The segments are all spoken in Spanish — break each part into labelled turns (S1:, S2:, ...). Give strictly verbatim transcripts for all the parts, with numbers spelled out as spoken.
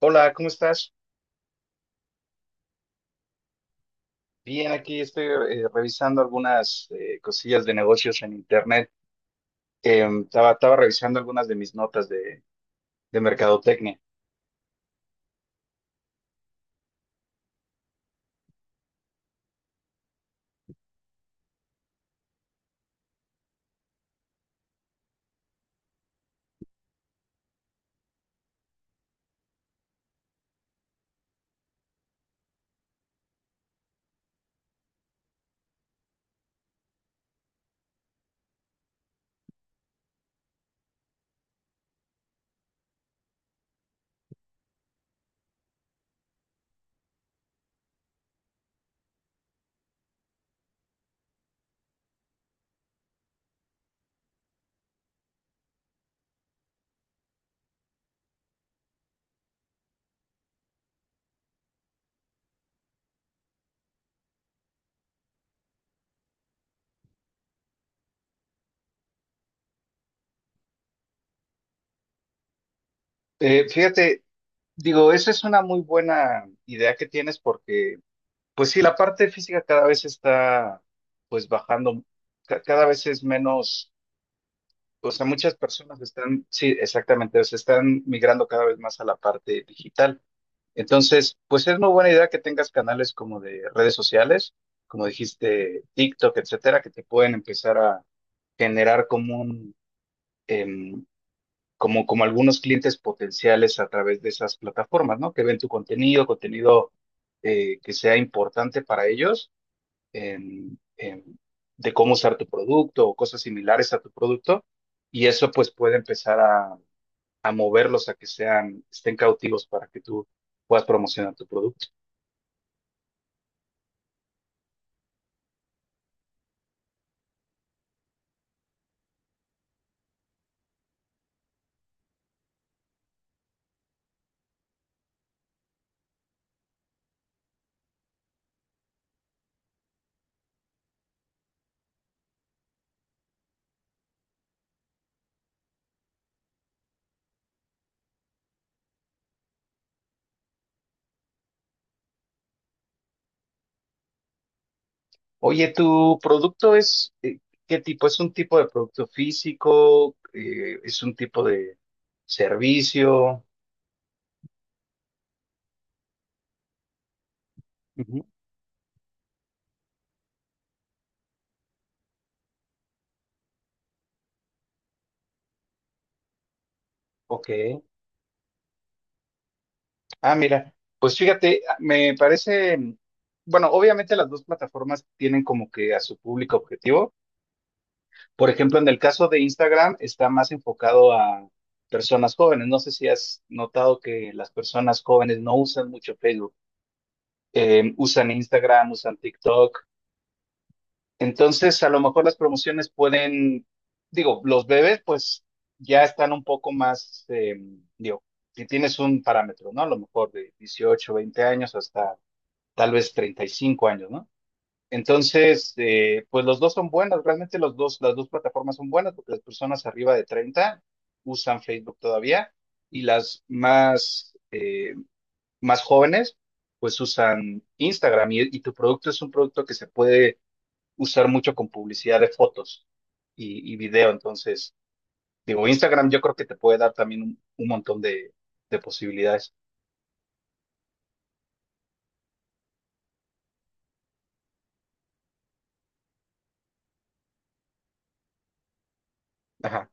S1: Hola, ¿cómo estás? Bien, aquí estoy eh, revisando algunas eh, cosillas de negocios en internet. Em, estaba, estaba revisando algunas de mis notas de, de mercadotecnia. Eh, fíjate, digo, esa es una muy buena idea que tienes porque, pues sí, la parte física cada vez está, pues bajando, ca- cada vez es menos, o sea, muchas personas están, sí, exactamente, se están migrando cada vez más a la parte digital. Entonces, pues es muy buena idea que tengas canales como de redes sociales, como dijiste, TikTok, etcétera, que te pueden empezar a generar como un, em, como, como algunos clientes potenciales a través de esas plataformas, ¿no? Que ven tu contenido, contenido eh, que sea importante para ellos, em, em, de cómo usar tu producto o cosas similares a tu producto, y eso pues puede empezar a, a moverlos a que sean, estén cautivos para que tú puedas promocionar tu producto. Oye, ¿tu producto es eh, qué tipo? ¿Es un tipo de producto físico? Eh, ¿es un tipo de servicio? Ujú. Ok. Ah, mira, pues fíjate, ah, me parece, bueno, obviamente las dos plataformas tienen como que a su público objetivo. Por ejemplo, en el caso de Instagram está más enfocado a personas jóvenes. No sé si has notado que las personas jóvenes no usan mucho Facebook. Eh, usan Instagram, usan TikTok. Entonces, a lo mejor las promociones pueden, digo, los bebés pues ya están un poco más, eh, digo, si tienes un parámetro, ¿no? A lo mejor de dieciocho veinte años hasta tal vez treinta y cinco años, ¿no? Entonces, eh, pues los dos son buenas, realmente los dos, las dos plataformas son buenas porque las personas arriba de treinta usan Facebook todavía y las más, eh, más jóvenes pues usan Instagram y y tu producto es un producto que se puede usar mucho con publicidad de fotos y, y video. Entonces, digo, Instagram yo creo que te puede dar también un, un montón de, de posibilidades. Ajá.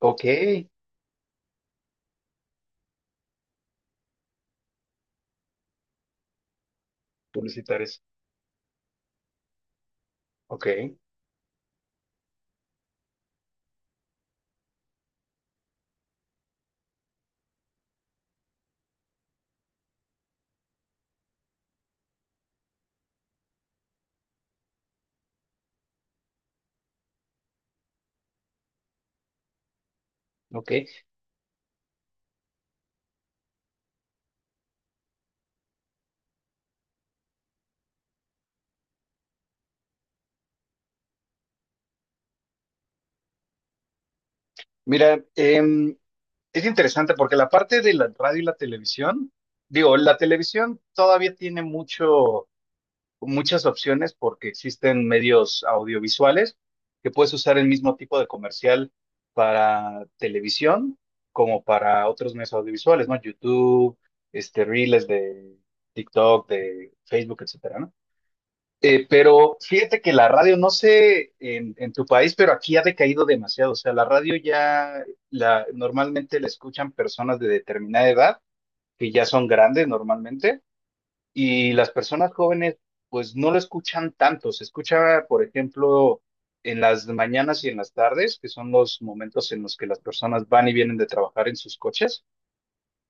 S1: Ok, publicitar eso. Ok. Ok. Mira, em, es interesante porque la parte de la radio y la televisión, digo, la televisión todavía tiene mucho muchas opciones porque existen medios audiovisuales que puedes usar el mismo tipo de comercial para televisión como para otros medios audiovisuales, ¿no? YouTube, este, Reels de TikTok, de Facebook, etcétera, ¿no? Eh, pero fíjate que la radio, no sé en, en tu país, pero aquí ha decaído demasiado. O sea, la radio ya la, normalmente la escuchan personas de determinada edad, que ya son grandes normalmente, y las personas jóvenes, pues no lo escuchan tanto. Se escucha, por ejemplo, en las mañanas y en las tardes, que son los momentos en los que las personas van y vienen de trabajar en sus coches.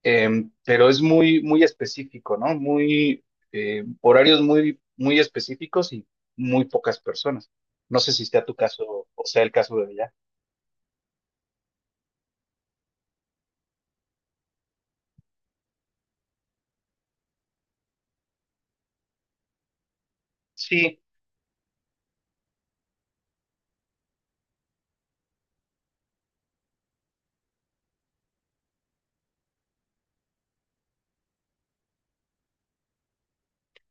S1: Em, pero es muy, muy específico, ¿no? Muy, eh, horarios muy, muy específicos y muy pocas personas. No sé si sea tu caso o sea el caso de allá. Sí,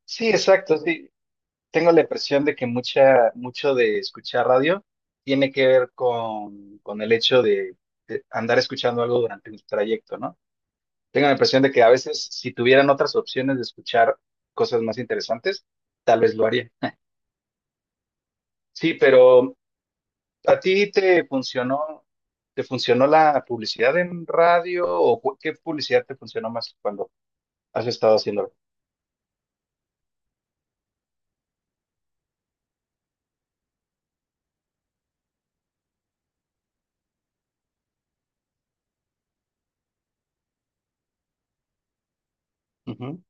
S1: sí, exacto. Sí. Tengo la impresión de que mucha, mucho de escuchar radio tiene que ver con, con el hecho de, de andar escuchando algo durante un trayecto, ¿no? Tengo la impresión de que a veces si tuvieran otras opciones de escuchar cosas más interesantes, tal vez lo haría. Sí, pero ¿a ti te funcionó, te funcionó, la publicidad en radio o cu- qué publicidad te funcionó más cuando has estado haciéndolo? Ujú.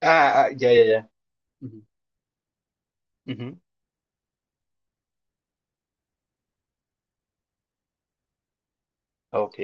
S1: Ah, ah, ya, ya, ya. Ujú, ujú. Ok.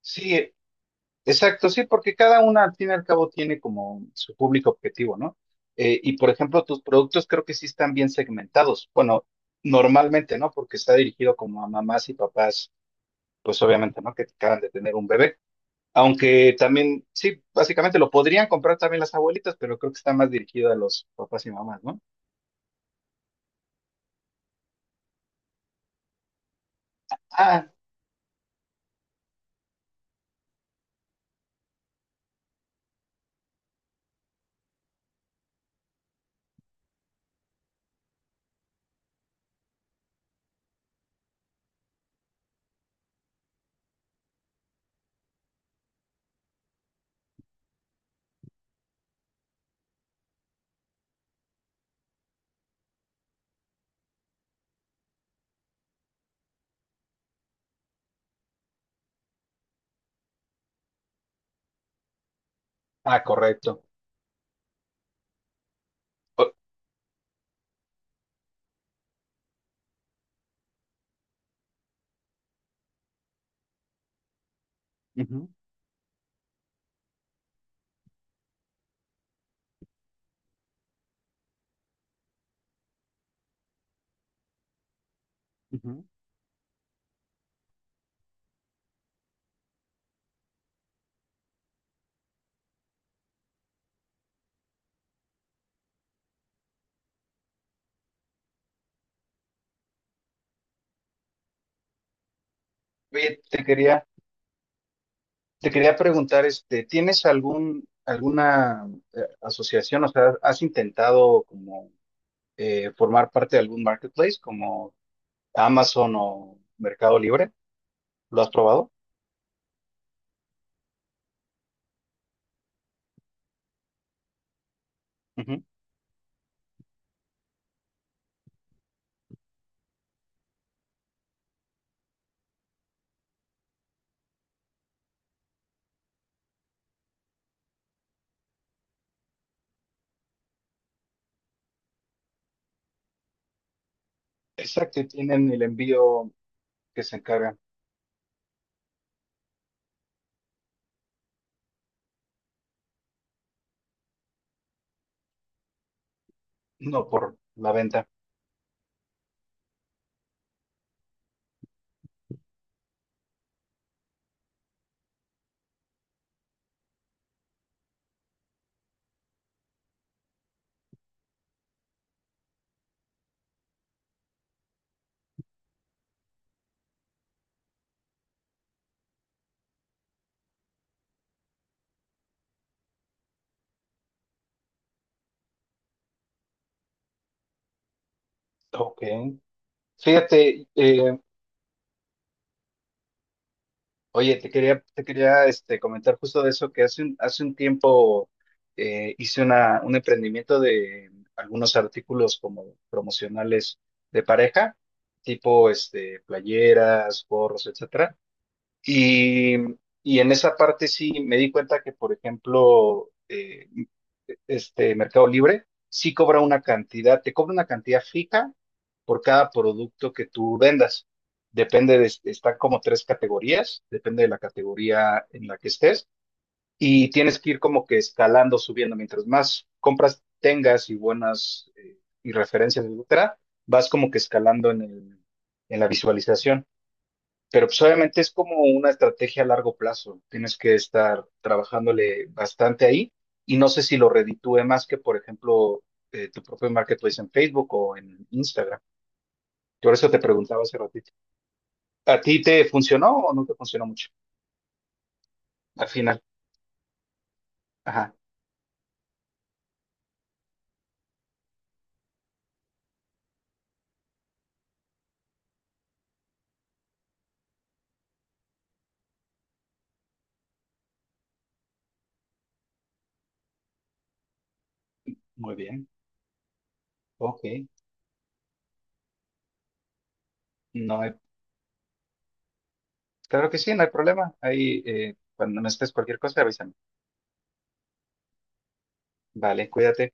S1: Sí, exacto, sí, porque cada una al fin y al cabo tiene como su público objetivo, ¿no? Eh, y por ejemplo, tus productos creo que sí están bien segmentados. Bueno, normalmente, ¿no? Porque está dirigido como a mamás y papás, pues obviamente, ¿no? Que acaban de tener un bebé. Aunque también, sí, básicamente lo podrían comprar también las abuelitas, pero creo que está más dirigido a los papás y mamás, ¿no? Ah, ah, correcto. O- Ujú, ujú. Oye, te quería te quería preguntar, este, ¿tienes algún, alguna eh, asociación? O sea, ¿has intentado como eh, formar parte de algún marketplace como Amazon o Mercado Libre? ¿Lo has probado? Ujú. Exacto, y tienen el envío que se encarga, no por la venta. Ok. Fíjate, eh, Oye, te quería, te quería este, comentar justo de eso, que hace un, hace un tiempo eh, hice una, un emprendimiento de algunos artículos como promocionales de pareja, tipo este, playeras, gorros, etcétera. Y, y en esa parte sí me di cuenta que, por ejemplo, eh, este Mercado Libre, sí cobra una cantidad, te cobra una cantidad fija por cada producto que tú vendas. Depende de, están como tres categorías, depende de la categoría en la que estés y tienes que ir como que escalando, subiendo. Mientras más compras tengas y buenas eh, y referencias, etcétera, vas como que escalando en, el, en la visualización. Pero pues obviamente es como una estrategia a largo plazo. Tienes que estar trabajándole bastante ahí y no sé si lo reditúe más que, por ejemplo, eh, tu propio marketplace en Facebook o en Instagram. Por eso te preguntaba hace ratito. ¿A ti te funcionó o no te funcionó mucho? Al final. Ajá. Muy bien. Ok. No hay- Claro que sí, no hay problema. Ahí, eh, cuando necesites cualquier cosa, avísame. Vale, cuídate.